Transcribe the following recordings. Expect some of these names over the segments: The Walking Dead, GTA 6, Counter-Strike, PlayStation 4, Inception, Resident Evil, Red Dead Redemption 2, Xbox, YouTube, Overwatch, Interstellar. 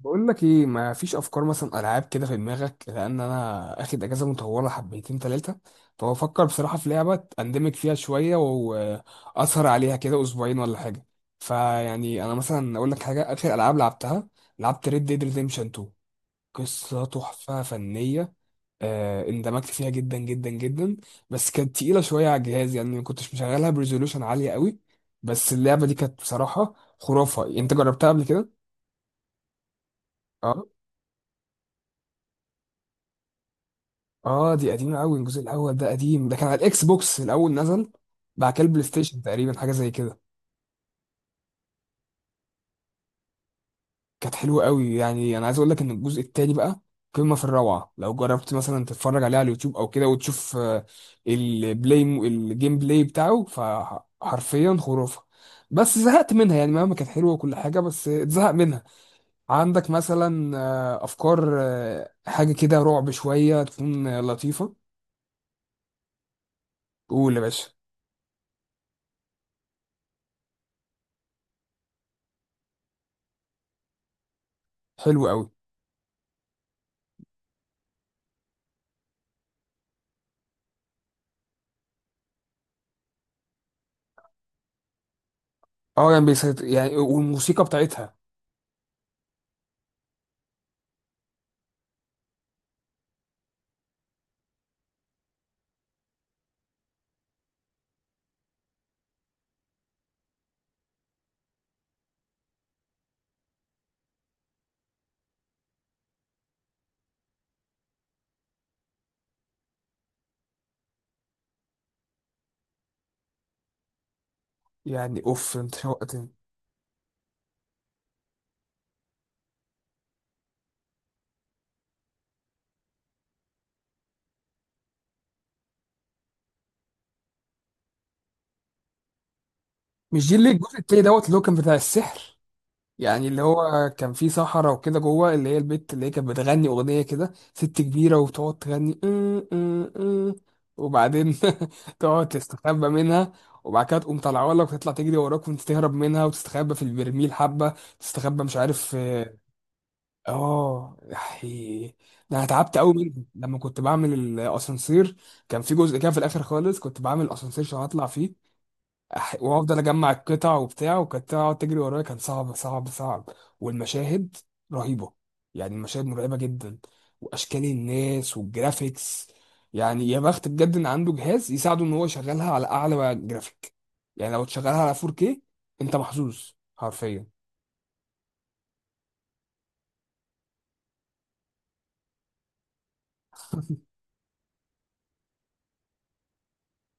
بقول لك ايه، ما فيش افكار مثلا العاب كده في دماغك؟ لان انا اخد اجازه مطوله حبيتين ثلاثه، فبفكر بصراحه في لعبه اندمج فيها شويه واسهر عليها كده اسبوعين ولا حاجه. فيعني انا مثلا اقول لك حاجه، اخر العاب لعبتها لعبت ريد ديد ريديمشن 2. قصه تحفه فنيه. آه، اندمجت فيها جدا جدا جدا. بس كانت تقيله شويه على الجهاز، يعني ما كنتش مشغلها بريزولوشن عاليه قوي. بس اللعبه دي كانت بصراحه خرافه. انت جربتها قبل كده؟ آه. اه دي قديمة قوي، الجزء الاول ده قديم، ده كان على الاكس بوكس الاول نزل، بعد كده البلاي ستيشن تقريبا حاجة زي كده. كانت حلوة قوي. يعني انا عايز اقول لك ان الجزء التاني بقى قمة في الروعة. لو جربت مثلا تتفرج عليه على اليوتيوب او كده وتشوف البلاي الجيم بلاي بتاعه، فحرفيا خرافة. بس زهقت منها، يعني مهما كانت حلوة وكل حاجة بس اتزهق منها. عندك مثلا افكار حاجة كده رعب شوية تكون لطيفة؟ قول يا باشا. حلو قوي. اه يعني بيسيطر يعني، والموسيقى بتاعتها. يعني اوف انت شوقتني. مش دي اللي الجزء التاني دوت اللي هو كان بتاع السحر؟ يعني اللي هو كان فيه صحراء وكده جوه، اللي هي البت اللي هي كانت بتغني اغنيه كده، ست كبيره وبتقعد تغني ام ام ام، وبعدين تقعد تستخبى منها. وبعد كده تقوم طالعه لك وتطلع تجري وراك وانت تهرب منها وتستخبى في البرميل حبه. تستخبى مش عارف. اه يحي. ده انا تعبت قوي منهم لما كنت بعمل الاسانسير. كان في جزء كده في الاخر خالص كنت بعمل اسانسير عشان اطلع فيه، وافضل اجمع القطع وبتاع، وكانت تقعد تجري ورايا، كان صعب صعب صعب. والمشاهد رهيبه، يعني المشاهد مرعبه جدا، واشكال الناس والجرافيكس. يعني يا بخت بجد ان عنده جهاز يساعده ان هو يشغلها على اعلى جرافيك. يعني لو تشغلها على 4K انت محظوظ حرفيا.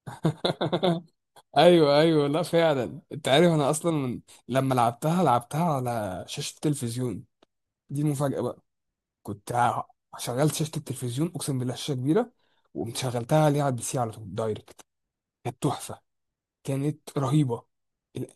ايوه ايوه، لا فعلا انت عارف انا اصلا لما لعبتها لعبتها على شاشه التلفزيون. دي المفاجاه بقى. كنت ع- شغلت شاشه التلفزيون، اقسم بالله شاشه كبيره، ومشغلتها عليها على البي سي على طول دايركت. كانت تحفه، كانت رهيبة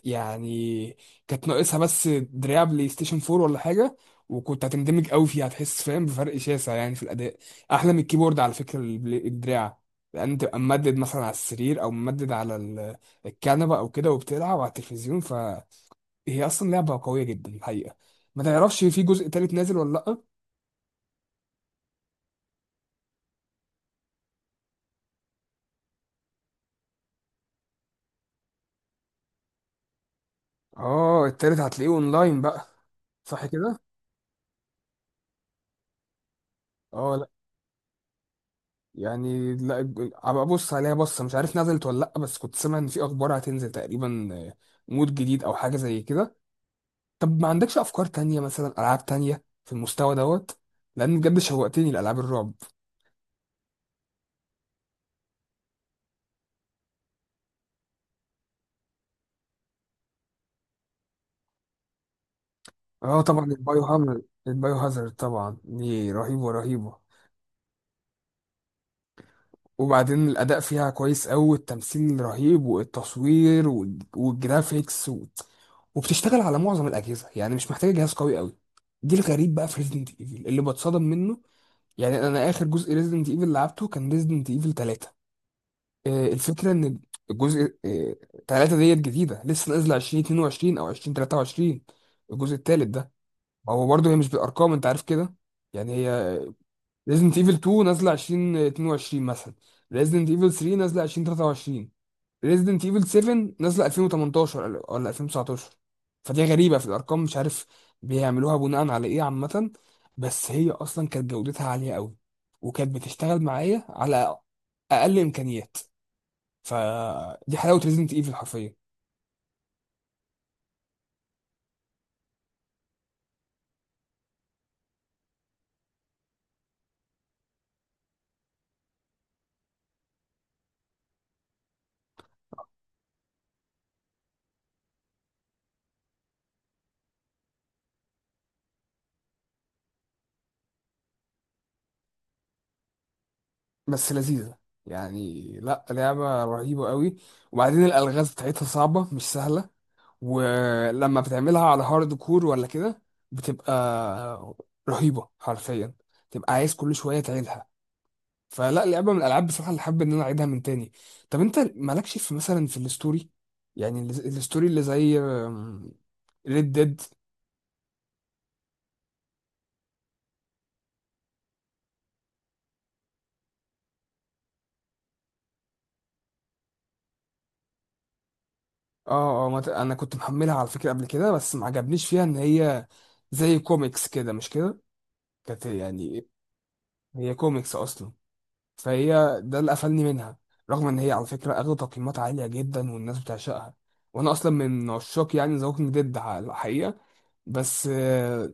يعني. كانت ناقصها بس دراع بلاي ستيشن 4 ولا حاجة، وكنت هتندمج قوي فيها، هتحس فاهم بفرق شاسع يعني في الأداء، أحلى من الكيبورد على فكرة الدراع. لأن تبقى ممدد مثلا على السرير أو ممدد على الكنبة أو كده وبتلعب على التلفزيون، فهي أصلا لعبة قوية جدا الحقيقة. ما تعرفش في جزء تالت نازل ولا لأ؟ آه التالت هتلاقيه أونلاين بقى، صح كده؟ آه يعني لا ابقى ابص عليها بصه، مش عارف نزلت ولا لا، بس كنت سامع ان في اخبار هتنزل تقريبا مود جديد او حاجه زي كده. طب ما عندكش افكار تانية مثلا، العاب تانية في المستوى دوت؟ لان بجد شوقتني لالعاب الرعب. اه طبعا البايو هامر البايو هازارد، طبعا دي رهيبه رهيبه، وبعدين الاداء فيها كويس قوي والتمثيل رهيب والتصوير والجرافيكس و... وبتشتغل على معظم الاجهزه، يعني مش محتاجه جهاز قوي قوي. دي الغريب بقى في ريزنت ايفل اللي بتصدم منه. يعني انا اخر جزء ريزيدنت ايفل لعبته كان ريزيدنت ايفل 3. الفكره ان الجزء 3 ديت جديده لسه نازله 2022 او 2023، الجزء الثالث ده. ما هو برضه هي مش بالارقام انت عارف كده، يعني هي ريزيدنت ايفل 2 نازله 2022 مثلا، ريزيدنت ايفل 3 نازله 2023، ريزيدنت ايفل 7 نازله 2018 ولا 2019. فدي غريبه في الارقام، مش عارف بيعملوها بناء على ايه عامه. بس هي اصلا كانت جودتها عاليه قوي، وكانت بتشتغل معايا على اقل امكانيات. فدي حلاوه ريزيدنت ايفل حرفيا. بس لذيذه يعني، لا لعبه رهيبه قوي. وبعدين الالغاز بتاعتها صعبه مش سهله، ولما بتعملها على هارد كور ولا كده بتبقى رهيبه حرفيا، تبقى عايز كل شويه تعيدها. فلا لعبه من الالعاب بصراحه اللي حابب ان انا اعيدها من تاني. طب انت مالكش في مثلا في الستوري؟ يعني الستوري اللي زي ريد ديد. اه اه ما ت- انا كنت محملها على فكره قبل كده بس ما عجبنيش فيها ان هي زي كوميكس كده، مش كده؟ كانت يعني، هي كوميكس اصلا، فهي ده اللي قفلني منها. رغم ان هي على فكره اخدت تقييمات عاليه جدا والناس بتعشقها، وانا اصلا من عشاق يعني ذا ووكينج ديد الحقيقه. بس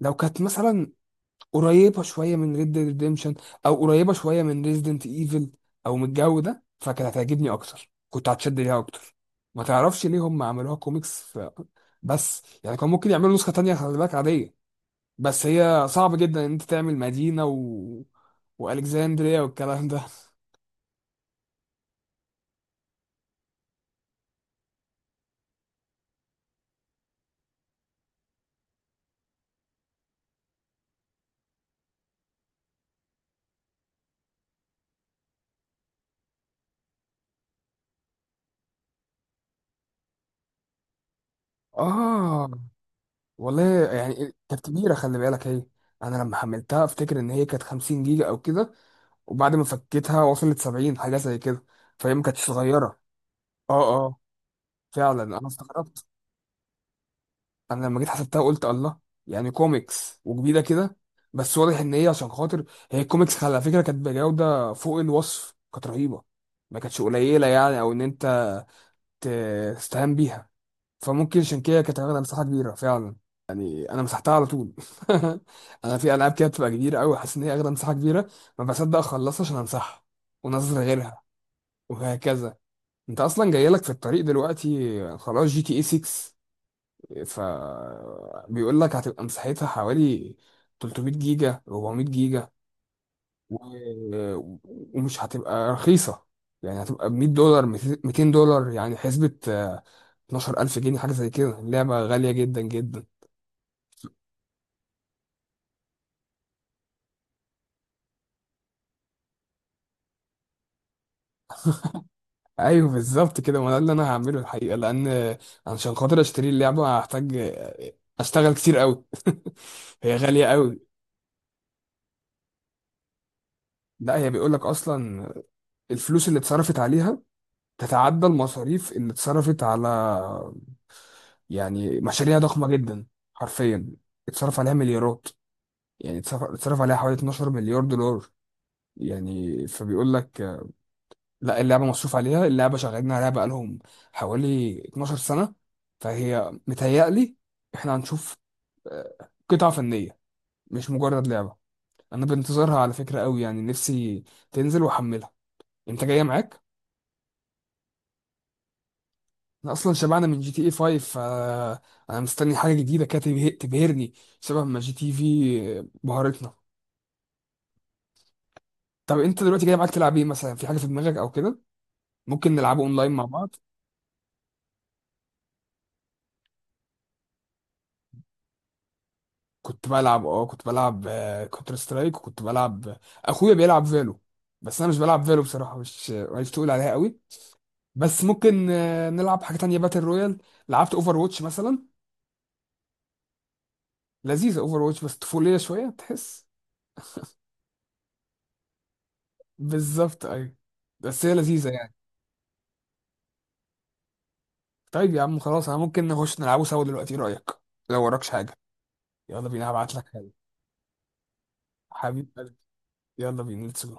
لو كانت مثلا قريبه شويه من ريد Dead ريديمشن، او قريبه شويه من ريزيدنت ايفل، او من الجو ده، فكانت هتعجبني اكتر، كنت هتشد ليها اكتر. ما تعرفش ليه هم عملوها كوميكس ف... بس يعني كان ممكن يعملوا نسخه تانية خلي بالك عاديه، بس هي صعب جدا ان انت تعمل مدينه و... والكسندريا والكلام ده. اه والله يعني كانت كبيره خلي بالك هي. انا لما حملتها افتكر ان هي كانت 50 جيجا او كده، وبعد ما فكيتها وصلت 70 حاجه زي كده. فهي ما كانتش صغيره. اه اه فعلا انا استغربت، انا لما جيت حسبتها قلت الله، يعني كوميكس وجديده كده. بس واضح ان هي عشان خاطر، هي الكوميكس على فكره كانت بجوده فوق الوصف كانت رهيبه، ما كانتش قليله يعني، او ان انت ت- تستهان بيها. فممكن عشان كده كانت واخده مساحه كبيره فعلا. يعني انا مسحتها على طول. انا في العاب كده بتبقى كبيره قوي حاسس ان هي واخده مساحه كبيره، ما بصدق اخلصها عشان امسحها وانزل غيرها، وهكذا. انت اصلا جايلك في الطريق دلوقتي خلاص جي تي اي 6، ف بيقول لك هتبقى مساحتها حوالي 300 جيجا 400 جيجا، و... ومش هتبقى رخيصة، يعني هتبقى ب $100 $200، يعني حسبة 12000 جنيه حاجة زي كده. اللعبة غالية جدا جدا. ايوه بالظبط كده، ما ده اللي انا هعمله الحقيقة، لان عشان خاطر اشتري اللعبة هحتاج اشتغل كتير قوي. هي غالية قوي. لا هي بيقول لك اصلا الفلوس اللي اتصرفت عليها تتعدى المصاريف اللي اتصرفت على، يعني مشاريع ضخمة جدا، حرفيا اتصرف عليها مليارات. يعني اتصرف عليها حوالي 12 مليار دولار. يعني فبيقول لك لا اللعبة مصروف عليها، اللعبة شغالين عليها بقالهم حوالي 12 سنة. فهي متهيألي احنا هنشوف قطعة فنية مش مجرد لعبة. انا بنتظرها على فكرة قوي، يعني نفسي تنزل واحملها. انت جاية معاك؟ انا اصلا شبعنا من جي تي اي 5، فانا مستني حاجة جديدة كده تبهرني شبه ما جي تي إيه في بهرتنا. طب انت دلوقتي جاي معاك تلعب ايه مثلا، في حاجه في دماغك او كده؟ ممكن نلعبه اونلاين مع بعض. كنت بلعب كونتر سترايك، وكنت بلعب اخويا بيلعب فالو، بس انا مش بلعب فالو بصراحه، مش تقول عليها قوي. بس ممكن نلعب حاجه تانية باتل رويال. لعبت اوفر واتش مثلا. لذيذه اوفر واتش بس طفوليه شويه تحس. بالظبط ايوه، بس هي لذيذه يعني. طيب يا عم خلاص، انا ممكن نخش نلعبه سوا دلوقتي، ايه رايك؟ لو وراكش حاجه. يلا بينا هبعت لك حاجه. حبيب قلبي، يلا بينا ليتس جو.